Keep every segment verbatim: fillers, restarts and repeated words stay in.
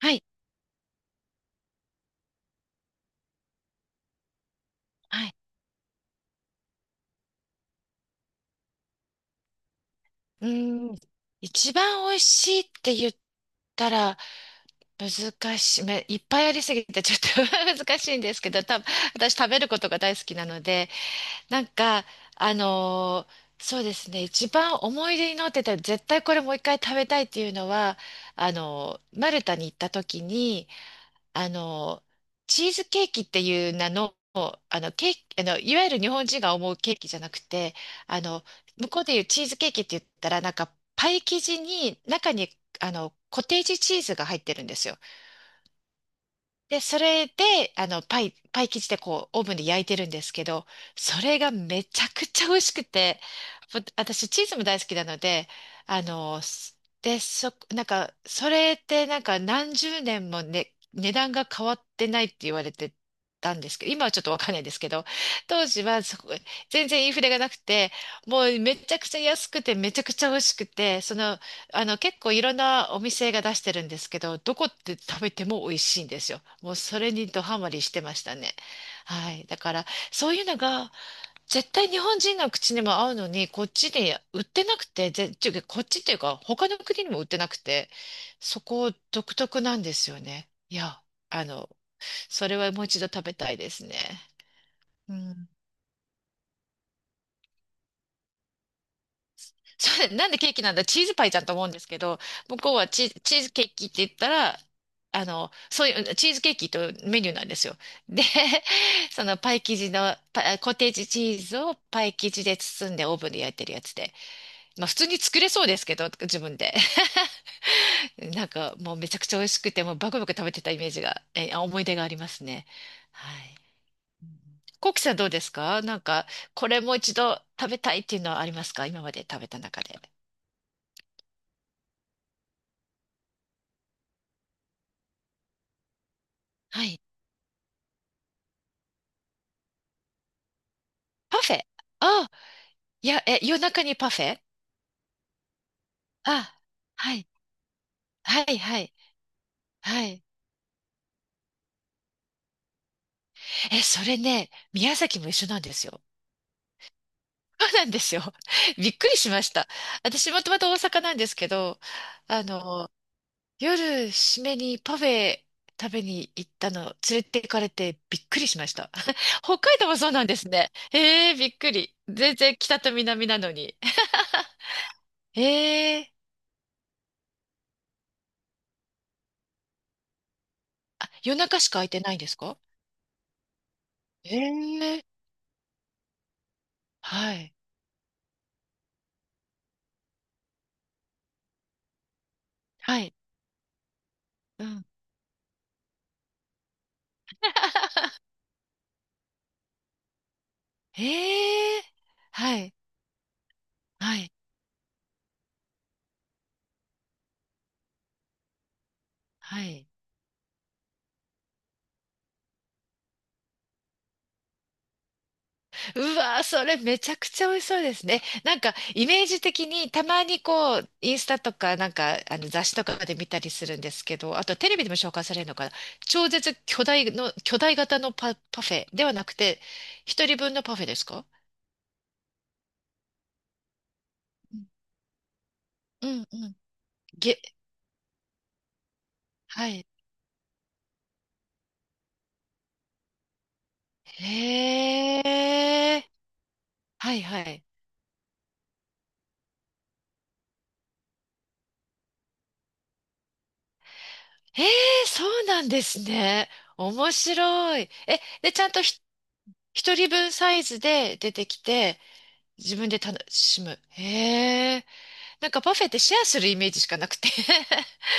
はい、はい。うーん。一番美味しいって言ったら難しい。めいっぱいありすぎてちょっと 難しいんですけど、多分私食べることが大好きなので、なんか、あのーそうですね。一番思い出に残ってた、絶対これもう一回食べたいっていうのは、あのーマルタに行った時に、あの、チーズケーキっていう名の、あの、ケーキ、あの、いわゆる日本人が思うケーキじゃなくて、あの、向こうでいうチーズケーキって言ったら、なんか、パイ生地に、中に、あの、コテージチーズが入ってるんですよ。で、それで、あの、パイ、パイ生地でこう、オーブンで焼いてるんですけど、それがめちゃくちゃ美味しくて、ぼ私、チーズも大好きなので、あの、すで、そ、なんか、それってなんか何十年もね、値段が変わってないって言われてたんですけど、今はちょっとわかんないですけど、当時はそこ、全然インフレがなくて、もうめちゃくちゃ安くて、めちゃくちゃ美味しくて、その、あの、結構いろんなお店が出してるんですけど、どこって食べても美味しいんですよ。もうそれにドハマりしてましたね。はい。だから、そういうのが、絶対日本人の口にも合うのに、こっちで売ってなくて、ぜ、ちゅこっちっていうか、他の国にも売ってなくて、そこ独特なんですよね。いや、あの、それはもう一度食べたいですね。うん、そう、なんでケーキなんだ、チーズパイじゃんと思うんですけど、向こうはチー、チーズケーキって言ったら、あの、そういう、チーズケーキとメニューなんですよ。で、そのパイ生地の、パあコテージチーズをパイ生地で包んでオーブンで焼いてるやつで。まあ普通に作れそうですけど、自分で。なんかもうめちゃくちゃ美味しくて、もうバクバク食べてたイメージが、え、あ思い出がありますね。はい。コウキさんどうですか？なんか、これもう一度食べたいっていうのはありますか、今まで食べた中で？はい。パフェ。あ、いや、え、夜中にパフェ。あ、はい。はい、はい、はい。え、それね、宮崎も一緒なんですよ。そうなんですよ。びっくりしました。私もともと大阪なんですけど、あの、夜、締めにパフェ食べに行ったの、連れて行かれてびっくりしました。北海道もそうなんですね。えー、びっくり。全然北と南なのに。えー、あ、夜中しか空いてないんですか？えー、はい。はい。うん。ええ、はい。はい。はい。うわー、それめちゃくちゃ美味しそうですね。なんか、イメージ的に、たまにこう、インスタとか、なんか、あの、雑誌とかで見たりするんですけど、あと、テレビでも紹介されるのかな。超絶巨大の、巨大型のパ、パフェではなくて、一人分のパフェですか？うん、うん、うん。げ、はい。へえ、はい、はい。ええ、そうなんですね。面白い。え、で、ちゃんとひ、一人分サイズで出てきて、自分で楽しむ。へえ。なんかパフェってシェアするイメージしかなくて。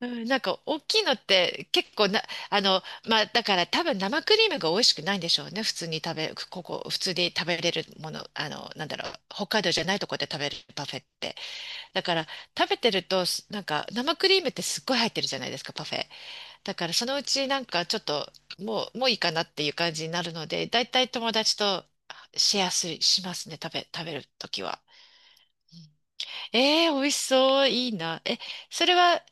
うん、なんか大きいのって結構な、あの、まあだから多分生クリームが美味しくないんでしょうね。普通に食べ、ここ、普通に食べれるもの、あの、なんだろう、北海道じゃないとこで食べるパフェって。だから食べてると、すなんか生クリームってすっごい入ってるじゃないですか、パフェ。だからそのうちなんかちょっともう、もういいかなっていう感じになるので、だいたい友達とシェアする、しますね、食べ、食べるときは。うん、えー、美味しそう、いいな。え、それは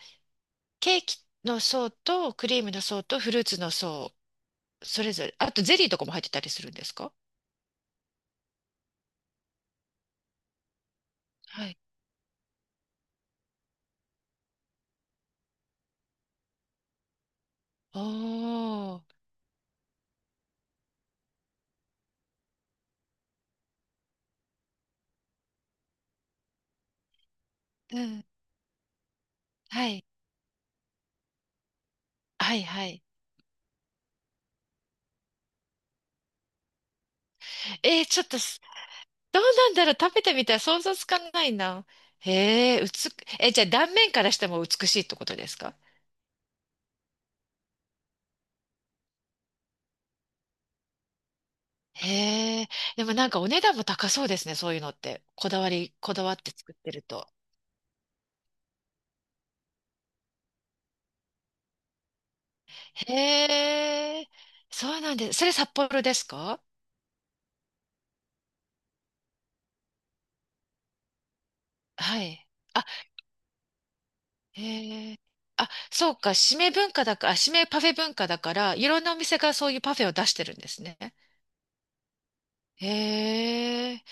ケーキの層とクリームの層とフルーツの層、それぞれ、あとゼリーとかも入ってたりするんですか？はい。おー、うん、はい、はい、はい。えー、ちょっとす、どうなんだろう、食べてみたら想像つかないな。へえ、うつ、え、じゃあ断面からしても美しいってことですか？へえ。でもなんかお値段も高そうですね、そういうのって。こだわり、こだわって作ってると。へえ。そうなんです。それ札幌ですか？はい。あ、へえ。あ、そうか。締め文化だから、あ締めパフェ文化だから、いろんなお店がそういうパフェを出してるんですね。へえ。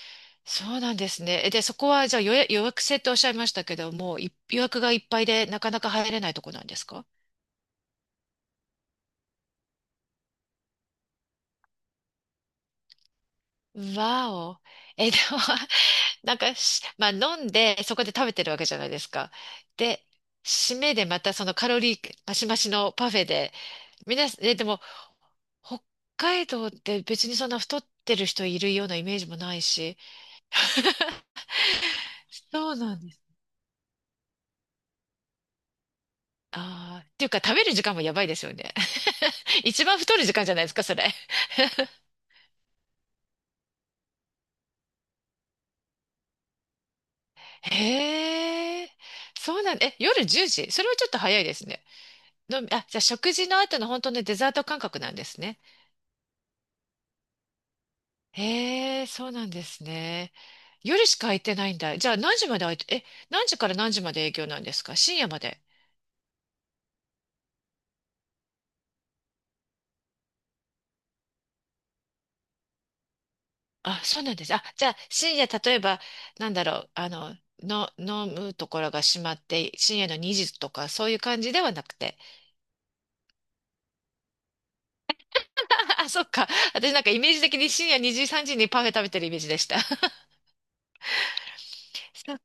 そうなんですね。えで、そこはじゃあ予約、予約制っておっしゃいましたけども、い予約がいっぱいでなかなか入れないとこなんですか？わお。え、でも なんかし、まあ飲んで、そこで食べてるわけじゃないですか。で、締めでまたそのカロリーマシマシのパフェで、皆さん、え、でも、北海道って別にそんな太ってる人いるようなイメージもないし、そうなんです。ああ、っていうか食べる時間もやばいですよね。一番太る時間じゃないですか、それ。へえ、そうなん、え、夜じゅうじそれはちょっと早いですね。のみ、あ、じゃあ食事の後の本当のデザート感覚なんですね。へえ、そうなんですね。夜しか空いてないんだ。じゃあ何時まで空いて、え、何時から何時まで営業なんですか？深夜まで。あ、そうなんです。あ、じゃあ深夜、例えば、なんだろう、あの、の、飲むところが閉まって、深夜のにじとか、そういう感じではなくて。あ、そっか。私なんかイメージ的に深夜にじ、さんじにパフェ食べてるイメージでした。そ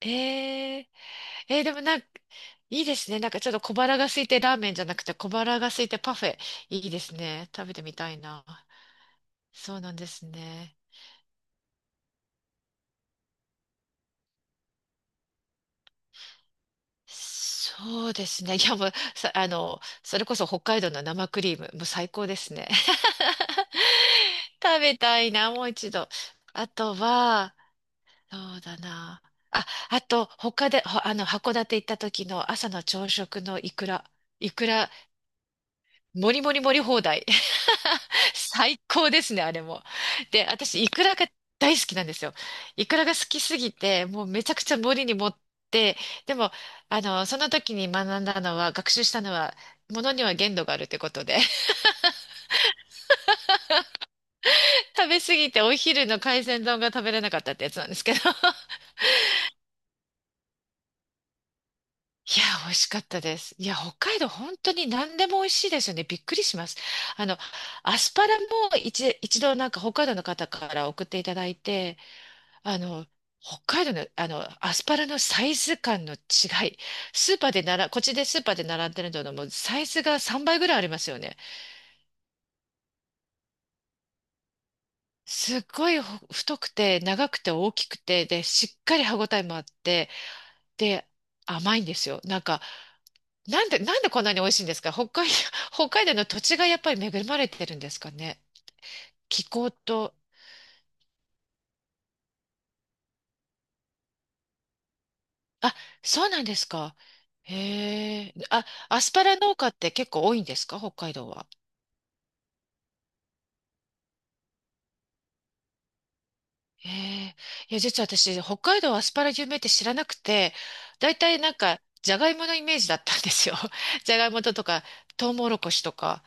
えー、えーでもなんか、いいですね。なんかちょっと小腹が空いてラーメンじゃなくて小腹が空いてパフェ。いいですね。食べてみたいな。そうなんですね。そうですね。いや、もう、さ、あの、それこそ北海道の生クリーム、もう最高ですね。食べたいな、もう一度。あとは、そうだな。あ、あと、他で、ほあの、函館行った時の朝の朝食のイクラ。イクラもりもりもり放題。最高ですね、あれも。で、私、イクラが大好きなんですよ。イクラが好きすぎて、もうめちゃくちゃ盛りに盛って、でも、あの、その時に学んだのは、学習したのは、ものには限度があるってことで、食べ過ぎてお昼の海鮮丼が食べれなかったってやつなんですけど。いや、美味しかったです。いや、北海道本当に何でも美味しいですよね。びっくりします。あの、アスパラも一、一度なんか北海道の方から送っていただいて、あの、北海道の、あの、アスパラのサイズ感の違い。スーパーでなら、こっちでスーパーで並んでるののもうサイズがさんばいぐらいありますよね。すっごいほ太くて、長くて、大きくて、で、しっかり歯ごたえもあって、で、甘いんですよ。なんか、なんで、なんでこんなに美味しいんですか？北海、北海道の土地がやっぱり恵まれてるんですかね。気候と、あ、そうなんですか。へえ。あ、アスパラ農家って結構多いんですか？北海道は。ええ、いや、実は私、北海道はアスパラ有名って知らなくて、大体なんか、じゃがいものイメージだったんですよ。じゃがいもととか、トウモロコシとか。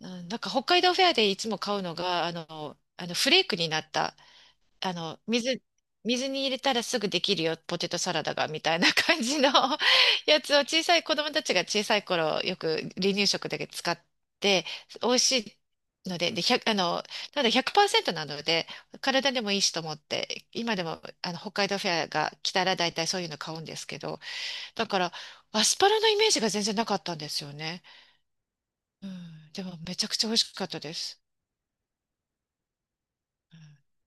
うん、なんか北海道フェアでいつも買うのが、あの、あのフレークになったあの、水、水に入れたらすぐできるよ、ポテトサラダが、みたいな感じの やつを小さい子供たちが小さい頃よく離乳食だけ使って、美味しいので、で、いちあの、ただひゃくパーセントなので、体でもいいしと思って、今でもあの北海道フェアが来たら大体そういうの買うんですけど、だからアスパラのイメージが全然なかったんですよね。うん、でもめちゃくちゃ美味しかったです。うん、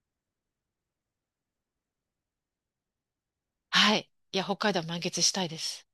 はい。いや、北海道満喫したいです。